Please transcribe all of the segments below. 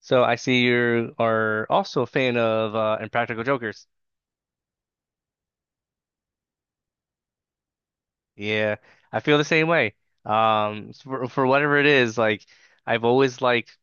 So I see you are also a fan of Impractical Jokers. Yeah, I feel the same way. For whatever it is, like I've always liked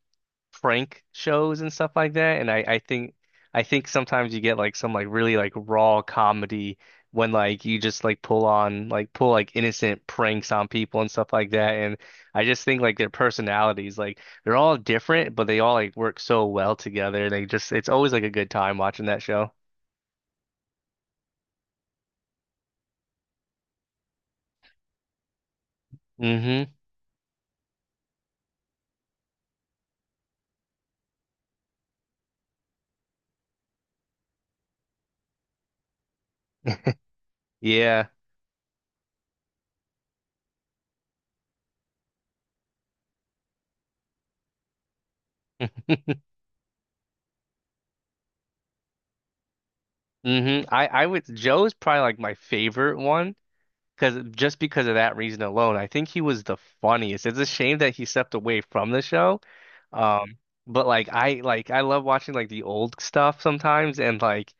prank shows and stuff like that, and I think I think sometimes you get like some like really like raw comedy when like you just like pull on like pull like innocent pranks on people and stuff like that, and I just think like their personalities like they're all different, but they all like work so well together. They just it's always like a good time watching that show. Mm-hmm. Yeah. I would Joe's probably like my favorite one. Because just because of that reason alone, I think he was the funniest. It's a shame that he stepped away from the show. Um, but like I love watching like the old stuff sometimes and like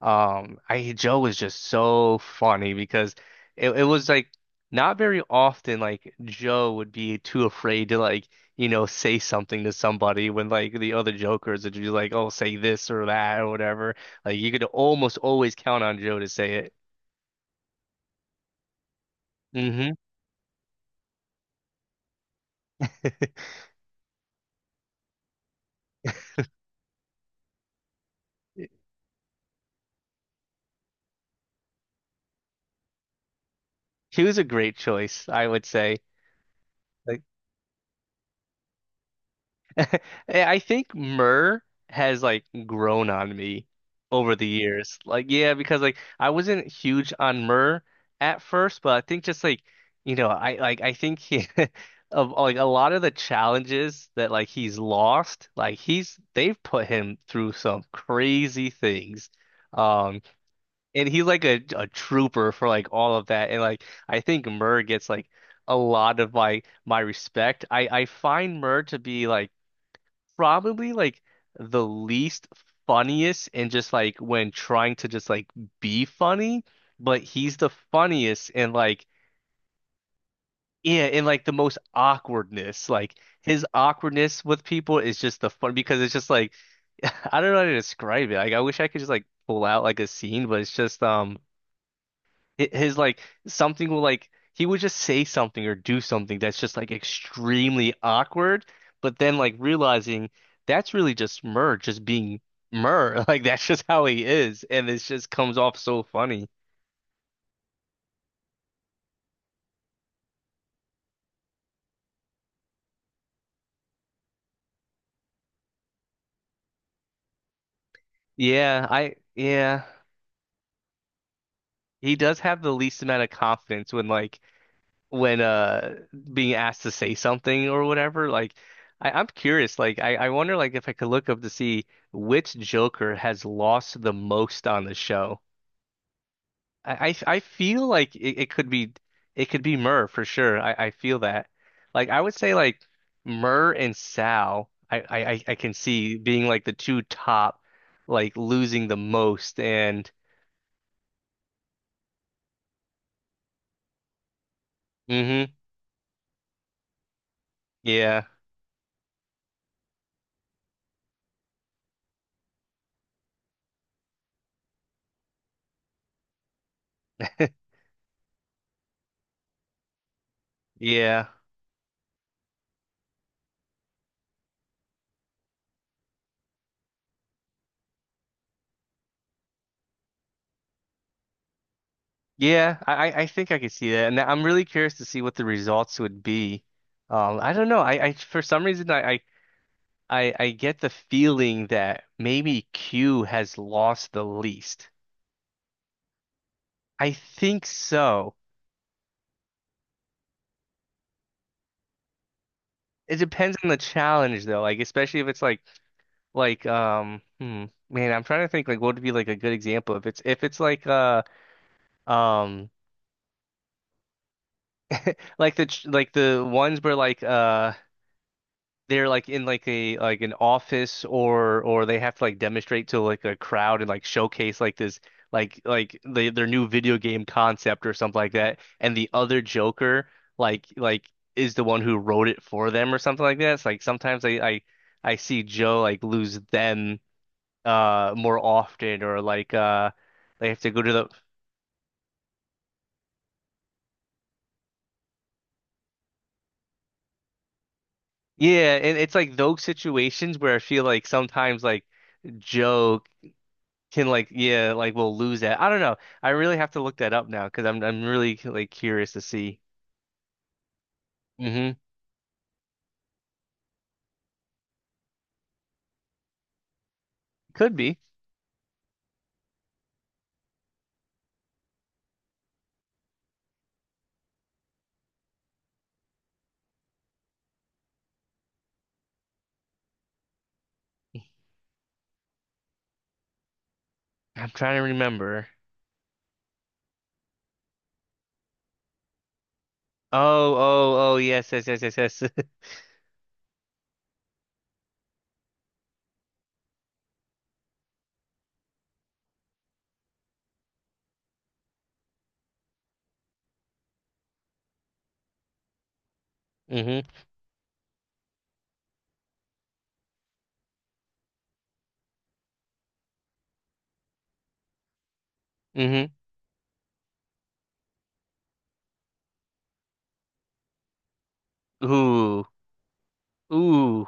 I Joe was just so funny because it was like not very often like Joe would be too afraid to like you know say something to somebody when like the other jokers would be like oh say this or that or whatever like you could almost always count on Joe to say it. hmm She was a great choice, I would say. Like, I think Myrrh has like grown on me over the years. Like, yeah, because like I wasn't huge on Myrrh at first, but I think just like you know, I like I think he, of like a lot of the challenges that like he's lost, like he's they've put him through some crazy things. Um. And he's like a, trooper for like all of that. And like I think Murr gets like a lot of my respect. I find Murr to be like probably like the least funniest and just like when trying to just like be funny, but he's the funniest and like yeah, and like the most awkwardness. Like his awkwardness with people is just the fun because it's just like I don't know how to describe it. Like I wish I could just like pull out like a scene, but it's just his like something will like he would just say something or do something that's just like extremely awkward, but then like realizing that's really just Murr just being Murr. Like that's just how he is, and it just comes off so funny. Yeah, I yeah. He does have the least amount of confidence when like when being asked to say something or whatever. Like I'm curious, like I wonder like if I could look up to see which Joker has lost the most on the show. I feel like it could be it could be Murr for sure. I feel that. Like I would say like Murr and Sal, I can see being like the two top, like losing the most and hmm yeah. Yeah. Yeah, I think I could see that. And I'm really curious to see what the results would be. I don't know. I for some reason I get the feeling that maybe Q has lost the least. I think so. It depends on the challenge though, like especially if it's like man, I'm trying to think like what would be like a good example if it's um like the like the ones where like they're like in like a like an office or they have to like demonstrate to like a crowd and like showcase like this like the, their new video game concept or something like that and the other Joker like is the one who wrote it for them or something like that. It's like sometimes I see Joe like lose them more often or like they have to go to the yeah and it's like those situations where I feel like sometimes like Joe can like yeah like we'll lose that I don't know I really have to look that up now because I'm really like curious to see hmm could be I'm trying to remember oh oh oh yes yes yes yes yes hmm hmm ooh ooh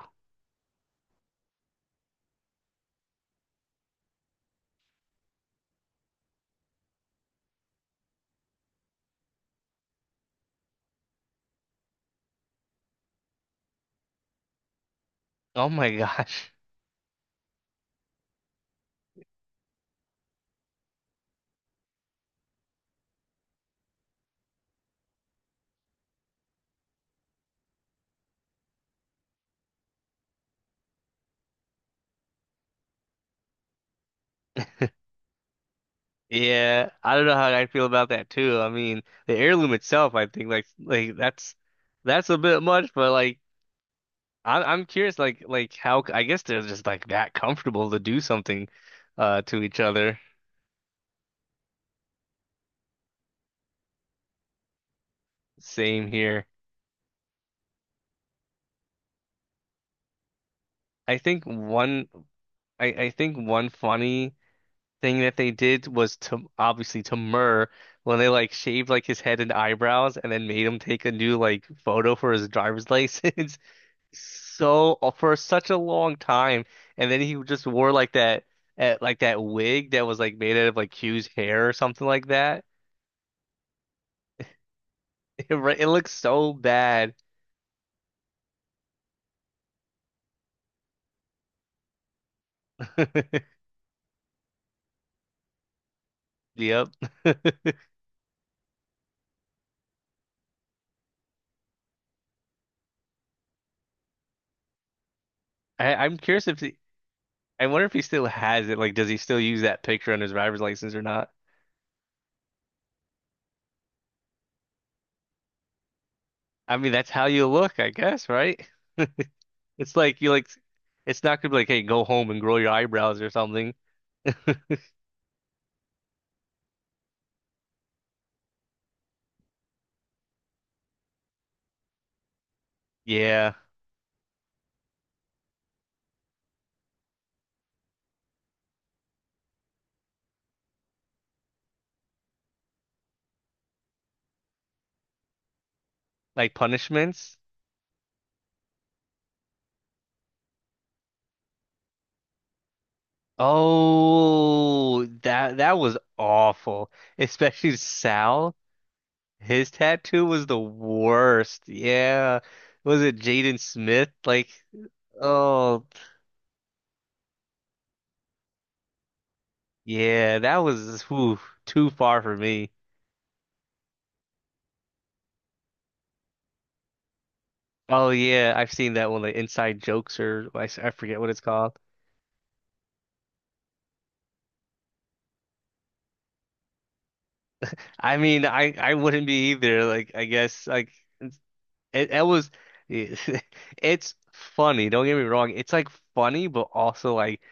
oh my gosh Yeah, I don't know how I feel about that too. I mean, the heirloom itself, I think like that's a bit much, but like I'm curious like how I guess they're just like that comfortable to do something to each other. Same here. I think one I think one funny thing that they did was to obviously to Murr when they like shaved like his head and eyebrows and then made him take a new like photo for his driver's license so for such a long time, and then he just wore like that at like that wig that was like made out of like Q's hair or something like that. It, it looks so bad. Yep. I, I'm curious if he, I wonder if he still has it. Like, does he still use that picture on his driver's license or not? I mean, that's how you look, I guess, right? It's like you like, it's not gonna be like, hey, go home and grow your eyebrows or something. Yeah, like punishments. Oh, that that was awful. Especially Sal. His tattoo was the worst. Yeah. Was it Jaden Smith? Like, oh, yeah, that was whew, too far for me. Oh yeah, I've seen that one, like Inside Jokes or I forget what it's called. I mean, I wouldn't be either. Like, I guess like it was, it's funny. Don't get me wrong. It's like funny, but also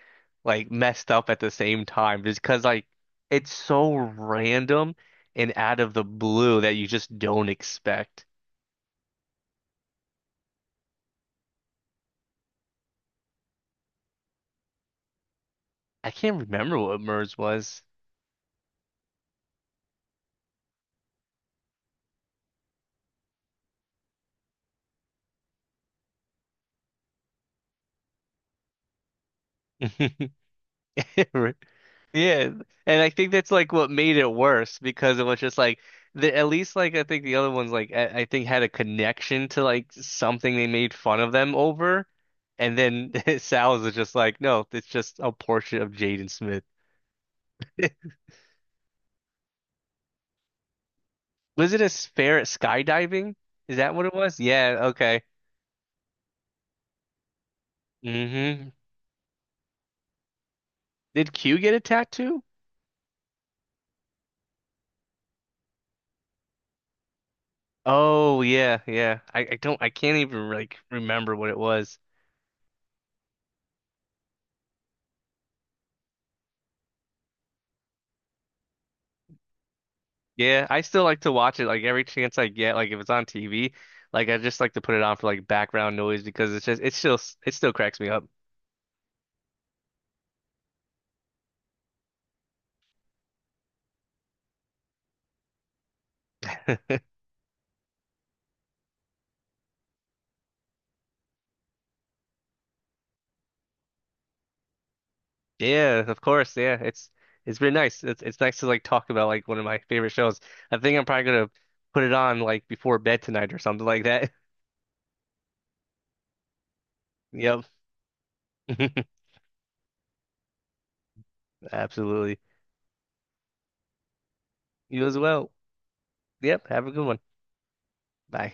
like messed up at the same time. Just because like it's so random and out of the blue that you just don't expect. I can't remember what MERS was. Yeah, and I think that's like what made it worse because it was just like the at least like I think the other ones like I think had a connection to like something they made fun of them over, and then Sal's is just like no, it's just a portrait of Jaden Smith. Was it a spare at skydiving? Is that what it was? Yeah, okay. hmm Did Q get a tattoo? Oh yeah, yeah. I don't I can't even like remember what it was. Yeah, I still like to watch it like every chance I get. Like if it's on TV, like I just like to put it on for like background noise because it's just it's still it still cracks me up. Yeah, of course. Yeah, it's been nice. It's nice to like talk about like one of my favorite shows. I think I'm probably gonna put it on like before bed tonight or something like that. Yep. Absolutely. You as well. Yep. Have a good one. Bye.